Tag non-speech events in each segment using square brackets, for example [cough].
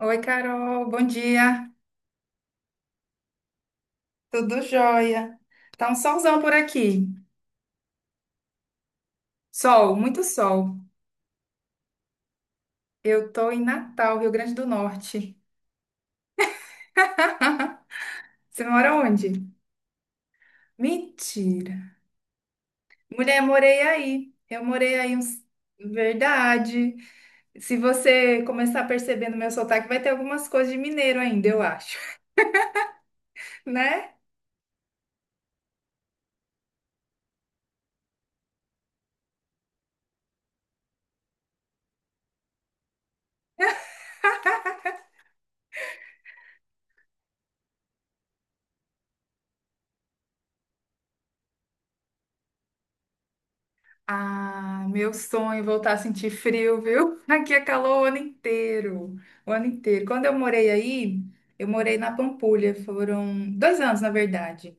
Oi, Carol, bom dia. Tudo jóia? Tá um solzão por aqui. Sol, muito sol. Eu tô em Natal, Rio Grande do Norte. [laughs] Você mora onde? Mentira. Mulher, morei aí. Eu morei aí uns... Verdade. Se você começar a perceber no meu sotaque, vai ter algumas coisas de mineiro ainda, eu acho, [laughs] né? Ah, meu sonho é voltar a sentir frio, viu? [laughs] Aqui é calor o ano inteiro, o ano inteiro. Quando eu morei aí, eu morei na Pampulha, foram 2 anos, na verdade.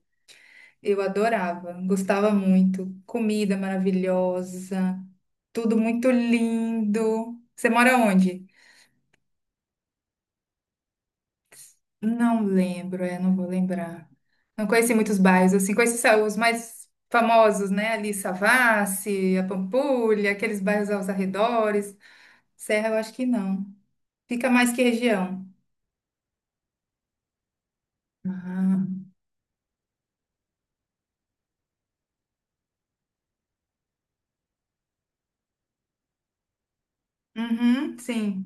Eu adorava, gostava muito. Comida maravilhosa, tudo muito lindo. Você mora onde? Não lembro, é, não vou lembrar. Não conheci muitos bairros, assim, conheci só os mais famosos, né? Ali, Savassi, a Pampulha, aqueles bairros aos arredores. Serra, eu acho que não. Fica mais que região. Ah, uhum, sim.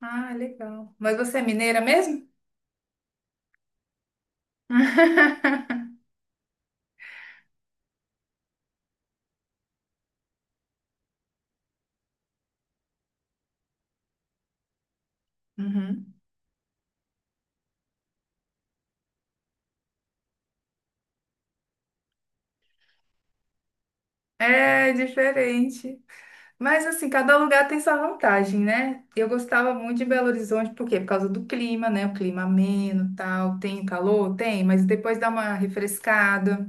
Ah, legal. Mas você é mineira mesmo? [laughs] Uhum. É diferente. Mas assim, cada lugar tem sua vantagem, né? Eu gostava muito de Belo Horizonte, por quê? Por causa do clima, né? O clima ameno, tal. Tem calor? Tem, mas depois dá uma refrescada.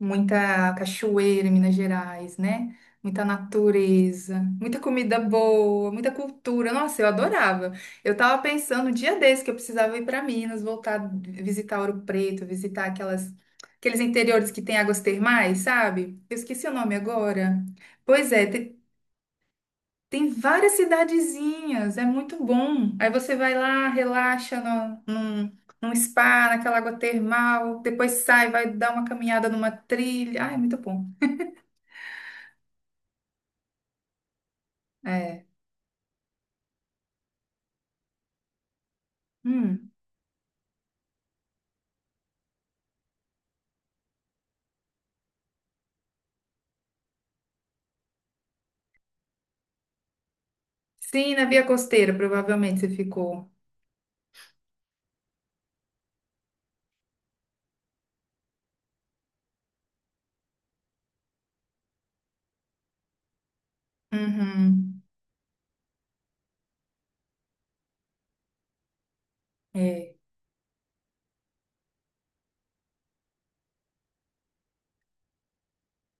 Muita cachoeira em Minas Gerais, né? Muita natureza, muita comida boa, muita cultura. Nossa, eu adorava. Eu tava pensando um dia desse que eu precisava ir para Minas, voltar, visitar Ouro Preto, visitar aquelas aqueles interiores que tem águas termais, sabe? Eu esqueci o nome agora. Pois é, tem, várias cidadezinhas, é muito bom. Aí você vai lá, relaxa no, num- num spa, naquela água termal, depois sai, vai dar uma caminhada numa trilha. Ai, é muito bom. É. Hum. Sim, na Via Costeira, provavelmente você ficou. Uhum. É.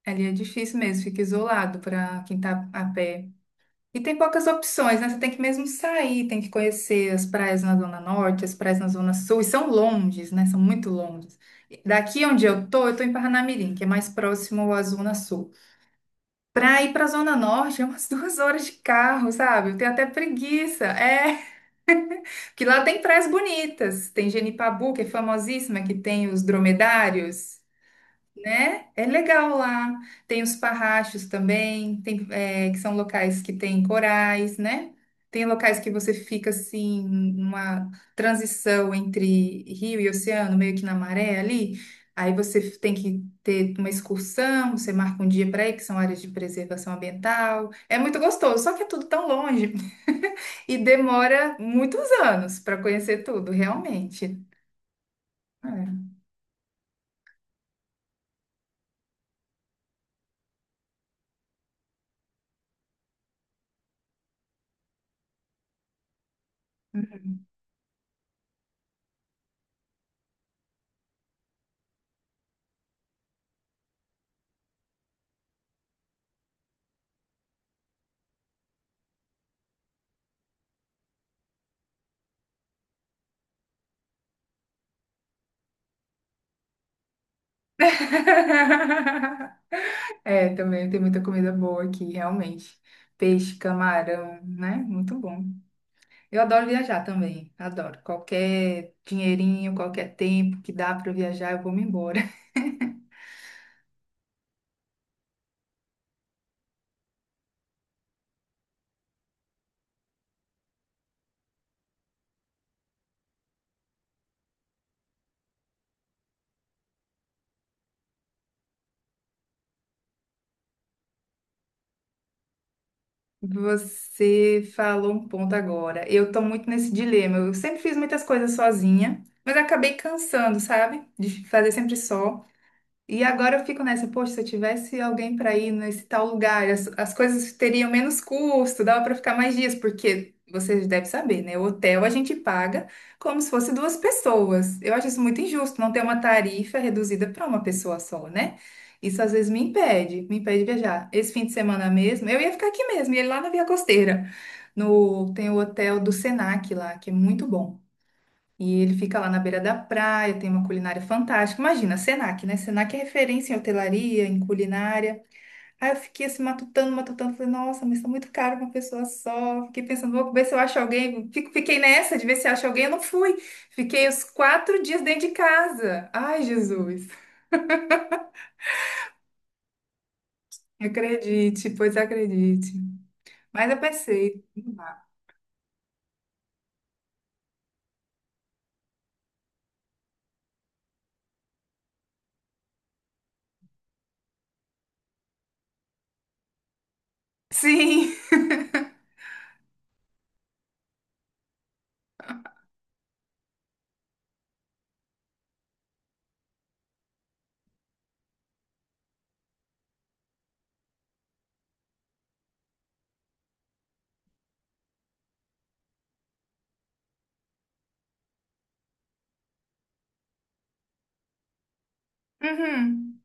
Ali é difícil mesmo, fica isolado para quem tá a pé. E tem poucas opções, né? Você tem que mesmo sair, tem que conhecer as praias na Zona Norte, as praias na Zona Sul, e são longes, né? São muito longes. Daqui onde eu tô em Parnamirim, que é mais próximo à Zona Sul. Para ir para a Zona Norte é umas [laughs] 2 horas de carro, sabe? Eu tenho até preguiça. É. Que lá tem praias bonitas. Tem Genipabu, que é famosíssima, que tem os dromedários né? É legal lá. Tem os parrachos também, tem, é, que são locais que tem corais, né? Tem locais que você fica assim, numa transição entre rio e oceano, meio que na maré ali. Aí você tem que ter uma excursão, você marca um dia para ir, que são áreas de preservação ambiental. É muito gostoso, só que é tudo tão longe [laughs] e demora muitos anos para conhecer tudo, realmente. É. [laughs] É, também tem muita comida boa aqui, realmente. Peixe, camarão, né? Muito bom. Eu adoro viajar também, adoro. Qualquer dinheirinho, qualquer tempo que dá para viajar, eu vou me embora. [laughs] Você falou um ponto agora. Eu tô muito nesse dilema. Eu sempre fiz muitas coisas sozinha, mas acabei cansando, sabe? De fazer sempre só. E agora eu fico nessa, poxa, se eu tivesse alguém para ir nesse tal lugar, as coisas teriam menos custo, dava para ficar mais dias, porque vocês devem saber, né? O hotel a gente paga como se fosse duas pessoas. Eu acho isso muito injusto, não ter uma tarifa reduzida para uma pessoa só, né? Isso às vezes me impede de viajar. Esse fim de semana mesmo, eu ia ficar aqui mesmo, ia lá na Via Costeira, no, tem o hotel do Senac lá, que é muito bom. E ele fica lá na beira da praia, tem uma culinária fantástica. Imagina, Senac, né? Senac é referência em hotelaria, em culinária. Aí eu fiquei assim, matutando, matutando. Falei, nossa, mas tá muito caro pra uma pessoa só. Fiquei pensando, vou ver se eu acho alguém. Fiquei nessa de ver se acho alguém. Eu não fui. Fiquei os 4 dias dentro de casa. Ai, Jesus. Acredite, pois acredite. Mas eu pensei. Não dá. Sim. Uhum.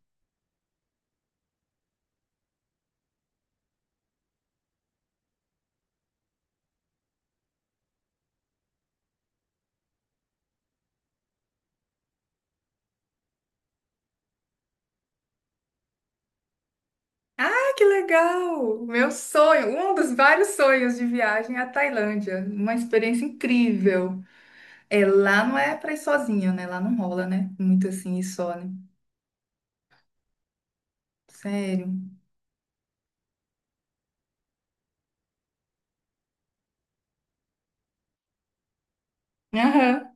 Ah, que legal! Meu sonho, um dos vários sonhos de viagem é a Tailândia. Uma experiência incrível. É, lá não é pra ir sozinha, né? Lá não rola, né? Muito assim, ir só, né? Sério. Aham,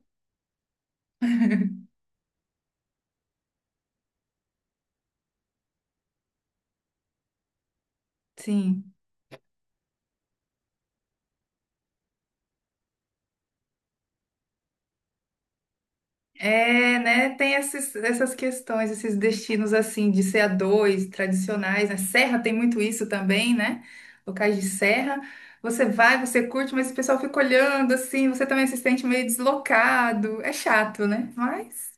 sim. É, né? Tem essas questões, esses destinos assim, de ser a dois, tradicionais, né? Serra tem muito isso também, né? Locais de serra. Você vai, você curte, mas o pessoal fica olhando assim, você também se sente meio deslocado. É chato, né? Mas.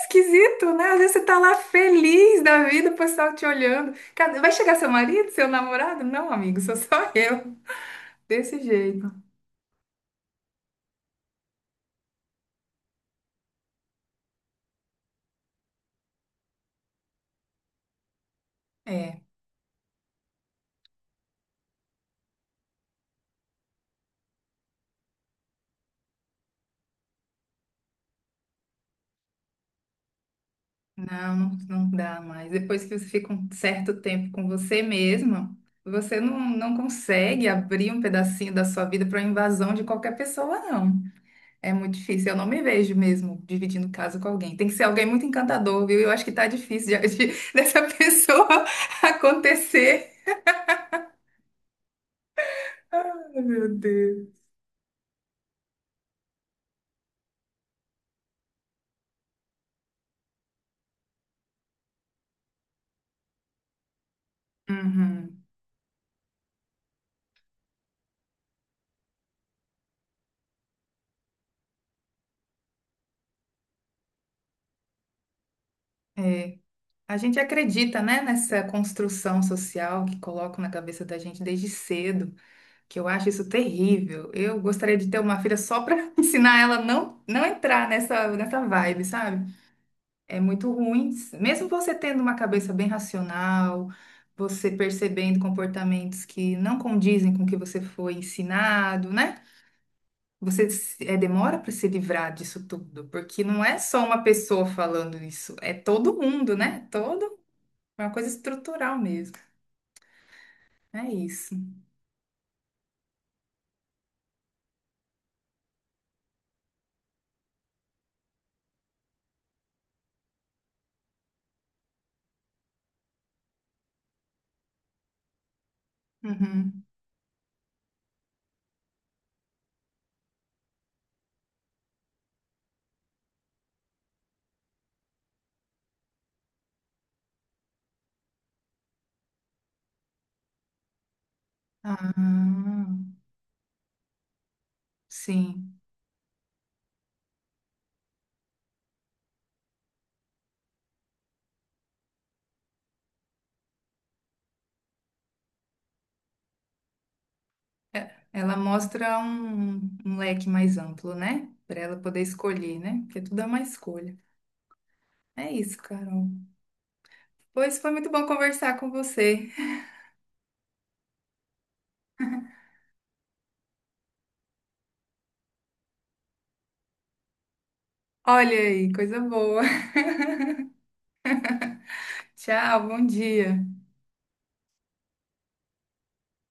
Esquisito, né? Às vezes você tá lá feliz da vida, o pessoal te olhando. Vai chegar seu marido, seu namorado? Não, amigo, sou só [laughs] eu. Desse jeito. É, não, não dá mais. Depois que você fica um certo tempo com você mesma, você não, não consegue abrir um pedacinho da sua vida para invasão de qualquer pessoa, não. É muito difícil. Eu não me vejo mesmo dividindo casa com alguém. Tem que ser alguém muito encantador, viu? Eu acho que tá difícil [laughs] dessa pessoa [laughs] acontecer. Ai, meu Deus. Uhum, é. A gente acredita, né, nessa construção social que colocam na cabeça da gente desde cedo, que eu acho isso terrível. Eu gostaria de ter uma filha só para [laughs] ensinar ela a não não entrar nessa vibe, sabe? É muito ruim. Mesmo você tendo uma cabeça bem racional, você percebendo comportamentos que não condizem com o que você foi ensinado, né? Você se- é, demora para se livrar disso tudo, porque não é só uma pessoa falando isso, é todo mundo, né? Todo, é uma coisa estrutural mesmo. É isso. Uhum. Ah, sim. É, ela mostra um, um leque mais amplo, né? Para ela poder escolher, né? Porque tudo é uma escolha. É isso, Carol. Pois foi muito bom conversar com você. Olha aí, coisa boa. [laughs] Tchau, bom dia.